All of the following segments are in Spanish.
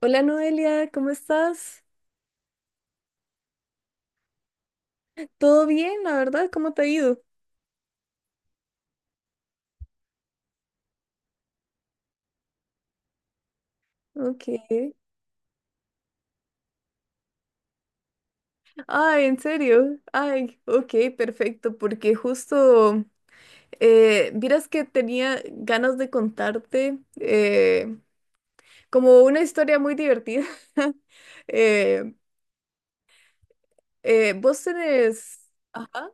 Hola Noelia, ¿cómo estás? ¿Todo bien, la verdad? ¿Cómo te ha ido? Ok. Ay, ¿en serio? Ay, ok, perfecto, porque justo, vieras que tenía ganas de contarte como una historia muy divertida. Eh, vos tenés... Ajá.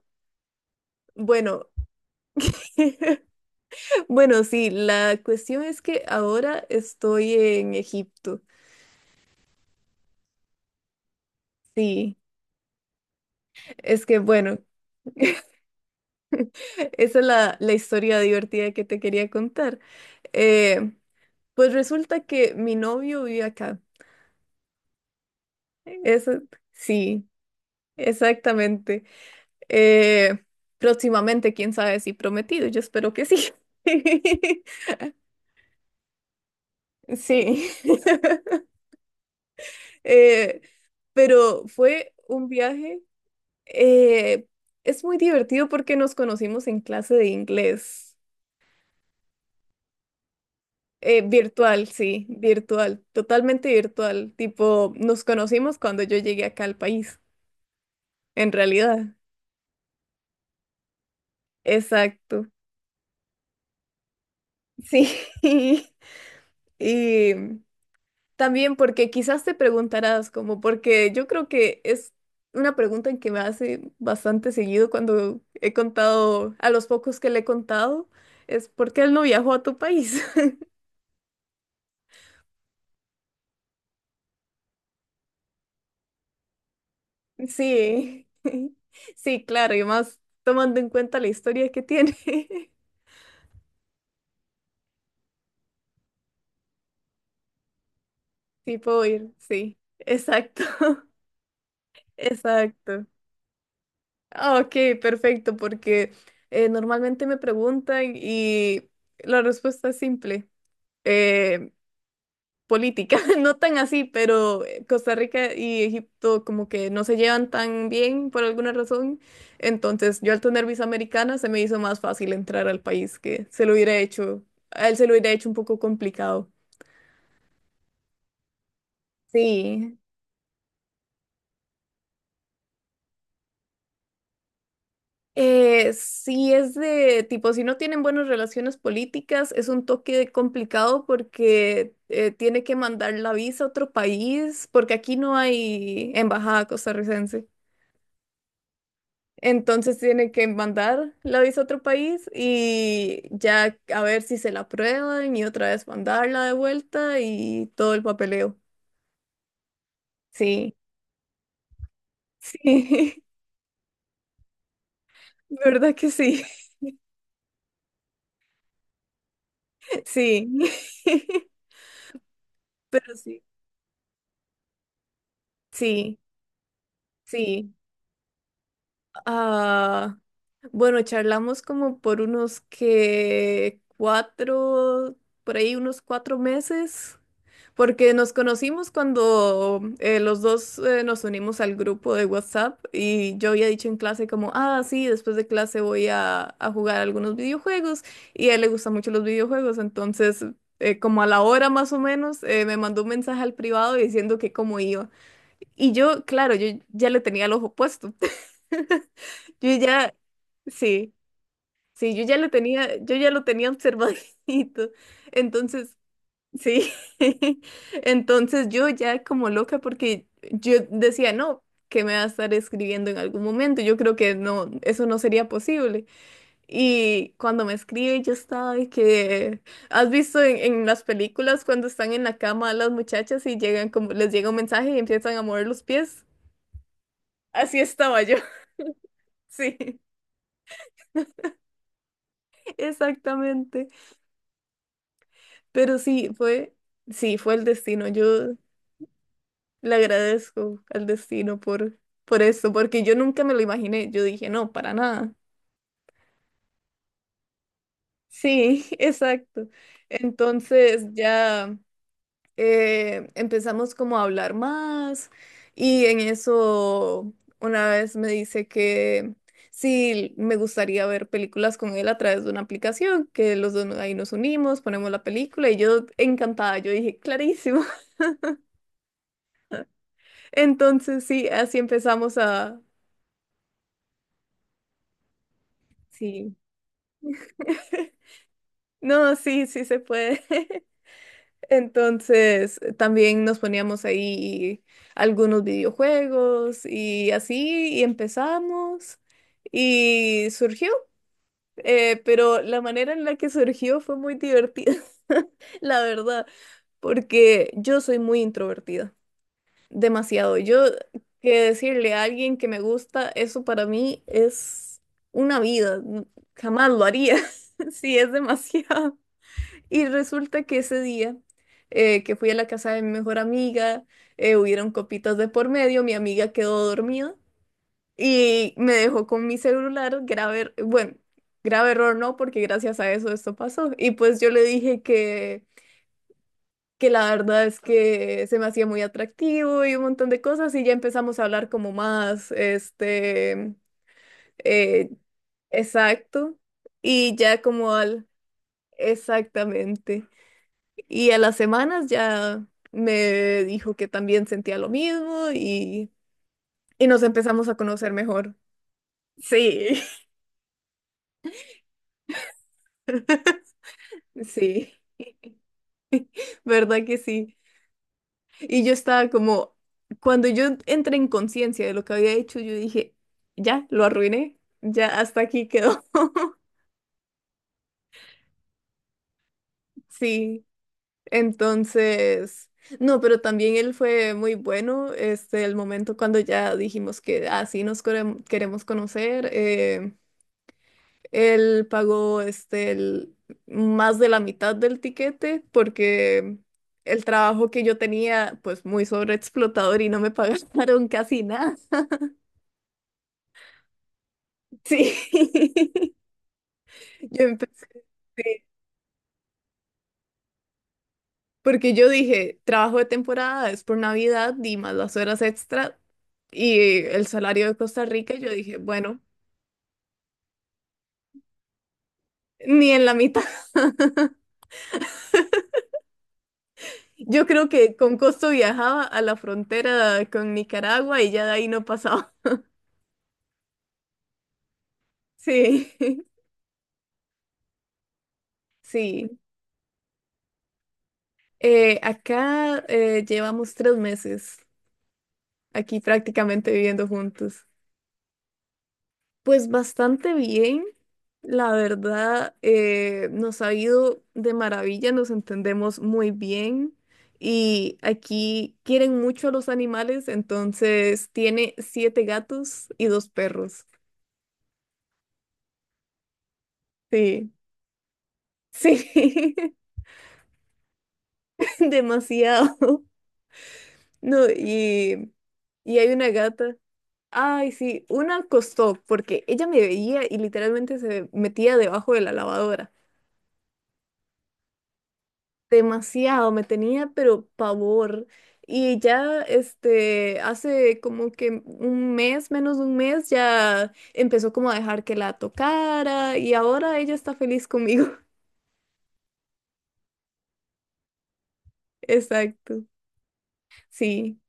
Bueno, bueno, sí, la cuestión es que ahora estoy en Egipto. Sí, es que bueno. Esa es la historia divertida que te quería contar. Eh, pues resulta que mi novio vive acá. Eso, sí, exactamente. Eh, Próximamente, quién sabe si prometido, yo espero que sí. Sí. Eh, pero fue un viaje. eh, es muy divertido porque nos conocimos en clase de inglés. Virtual, sí, virtual, totalmente virtual. Tipo, nos conocimos cuando yo llegué acá al país, en realidad. Exacto. Sí. Y también porque quizás te preguntarás, como porque yo creo que es una pregunta en que me hace bastante seguido cuando he contado, a los pocos que le he contado, es ¿por qué él no viajó a tu país? Sí. Sí, claro, y más tomando en cuenta la historia que tiene. Sí, puedo ir, sí, exacto, exacto. Ah, ok, perfecto, porque normalmente me preguntan y la respuesta es simple, eh, política, no tan así, pero Costa Rica y Egipto como que no se llevan tan bien por alguna razón, entonces yo al tener visa americana se me hizo más fácil entrar al país que se lo hubiera hecho, a él se lo hubiera hecho un poco complicado. Sí. Sí, es de tipo, si no tienen buenas relaciones políticas, es un toque complicado porque tiene que mandar la visa a otro país, porque aquí no hay embajada costarricense. Entonces tiene que mandar la visa a otro país y ya a ver si se la aprueban y otra vez mandarla de vuelta y todo el papeleo. Sí, sí, ¿verdad que sí? Sí, pero sí, sí, sí. Ah, bueno, charlamos como por unos que cuatro, por ahí unos cuatro meses, porque nos conocimos cuando los dos nos unimos al grupo de WhatsApp y yo había dicho en clase como, ah, sí, después de clase voy a jugar algunos videojuegos y a él le gustan mucho los videojuegos, entonces como a la hora más o menos me mandó un mensaje al privado diciendo que cómo iba. Y yo, claro, yo ya le tenía el ojo puesto. Yo ya, sí, sí, yo ya lo tenía observadito. Entonces, sí, entonces yo ya como loca porque yo decía, no, que me va a estar escribiendo en algún momento. Yo creo que no, eso no sería posible. Y cuando me escribe, yo estaba de que, ¿has visto en las películas cuando están en la cama las muchachas y llegan como, les llega un mensaje y empiezan a mover los pies? Así estaba yo, sí, exactamente. Pero sí, fue el destino. Yo le agradezco al destino por eso, porque yo nunca me lo imaginé. Yo dije, no, para nada. Sí, exacto. Entonces ya empezamos como a hablar más y en eso una vez me dice que sí, me gustaría ver películas con él a través de una aplicación, que los dos ahí nos unimos, ponemos la película y yo encantada, yo dije, clarísimo. Entonces sí, así empezamos a... Sí. No, sí, sí se puede. Entonces también nos poníamos ahí algunos videojuegos y así y empezamos y surgió, pero la manera en la que surgió fue muy divertida, la verdad, porque yo soy muy introvertida, demasiado. Yo que decirle a alguien que me gusta, eso para mí es una vida. Jamás lo haría. Sí, es demasiado. Y resulta que ese día que fui a la casa de mi mejor amiga, hubieron copitas de por medio, mi amiga quedó dormida y me dejó con mi celular, bueno, grave error no, porque gracias a eso esto pasó. Y pues yo le dije que la verdad es que se me hacía muy atractivo y un montón de cosas y ya empezamos a hablar como más, eh, exacto, y ya como al, exactamente, y a las semanas ya me dijo que también sentía lo mismo y nos empezamos a conocer mejor. Sí, sí, ¿verdad que sí? Y yo estaba como, cuando yo entré en conciencia de lo que había hecho, yo dije, ya, lo arruiné, ya hasta aquí quedó. Sí, entonces, no, pero también él fue muy bueno, este, el momento cuando ya dijimos que así queremos conocer, él pagó, más de la mitad del tiquete porque el trabajo que yo tenía, pues muy sobreexplotador y no me pagaron casi nada. Sí. Yo empecé, sí, porque yo dije, trabajo de temporada es por Navidad y más las horas extra y el salario de Costa Rica, yo dije, bueno, ni en la mitad. Yo creo que con costo viajaba a la frontera con Nicaragua y ya de ahí no pasaba. Sí, sí. Acá llevamos tres meses aquí prácticamente viviendo juntos. Pues bastante bien, la verdad, nos ha ido de maravilla, nos entendemos muy bien y aquí quieren mucho a los animales, entonces tiene siete gatos y dos perros. Sí, sí, demasiado. No. Y hay una gata. Ay, sí, una costó porque ella me veía y literalmente se metía debajo de la lavadora. Demasiado, me tenía pero pavor. Y ya este hace como que un mes, menos de un mes, ya empezó como a dejar que la tocara y ahora ella está feliz conmigo. Exacto. Sí.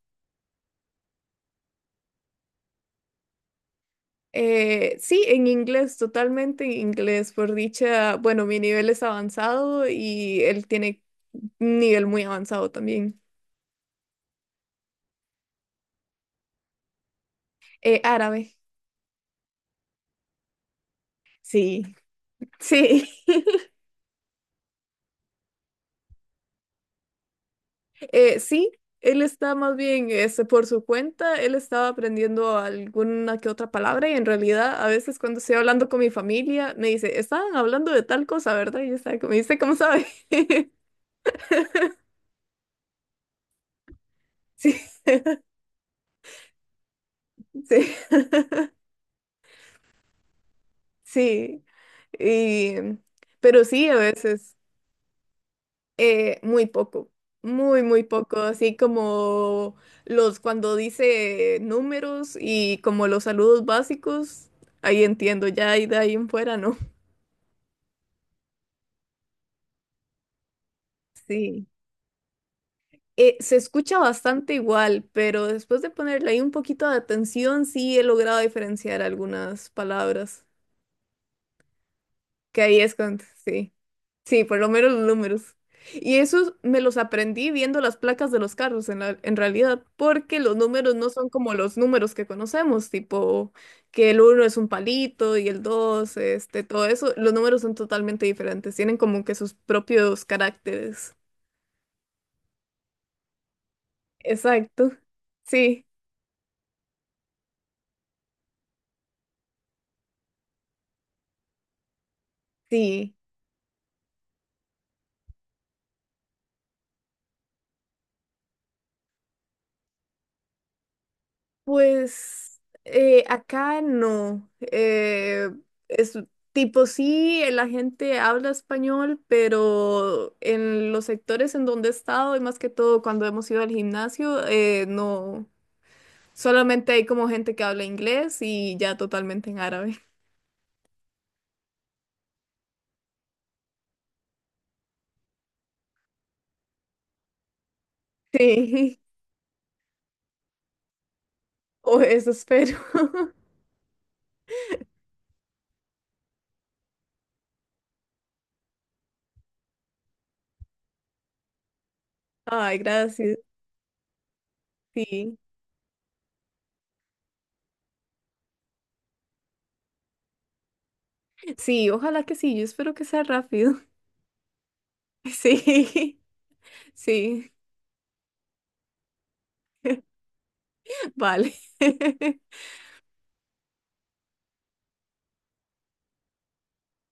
Sí, en inglés, totalmente en inglés. Por dicha, bueno, mi nivel es avanzado y él tiene un nivel muy avanzado también. Árabe. Sí, sí. Sí, él está más bien este, por su cuenta, él estaba aprendiendo alguna que otra palabra y en realidad a veces cuando estoy hablando con mi familia me dice, estaban hablando de tal cosa, ¿verdad? Y yo estaba como, me dice, ¿cómo sabe? Sí, sí, sí. Y, pero sí, a veces, muy poco, muy poco, así como los cuando dice números y como los saludos básicos, ahí entiendo, ya y de ahí en fuera, ¿no? Sí. Se escucha bastante igual, pero después de ponerle ahí un poquito de atención, sí he logrado diferenciar algunas palabras. Que ahí es cuando, sí. Sí, por lo menos los números. Y esos me los aprendí viendo las placas de los carros en realidad, porque los números no son como los números que conocemos, tipo que el uno es un palito y el dos este, todo eso. Los números son totalmente diferentes, tienen como que sus propios caracteres. Exacto. Sí, sí. Pues acá no. Es tipo sí, la gente habla español, pero en los sectores en donde he estado y más que todo cuando hemos ido al gimnasio, no. Solamente hay como gente que habla inglés y ya totalmente en árabe. Sí, o eso espero. Ay, gracias. Sí, sí, ojalá que sí. Yo espero que sea rápido. Sí, sí, vale.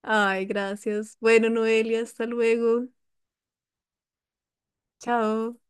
Ay, gracias. Bueno, Noelia, hasta luego. Chao.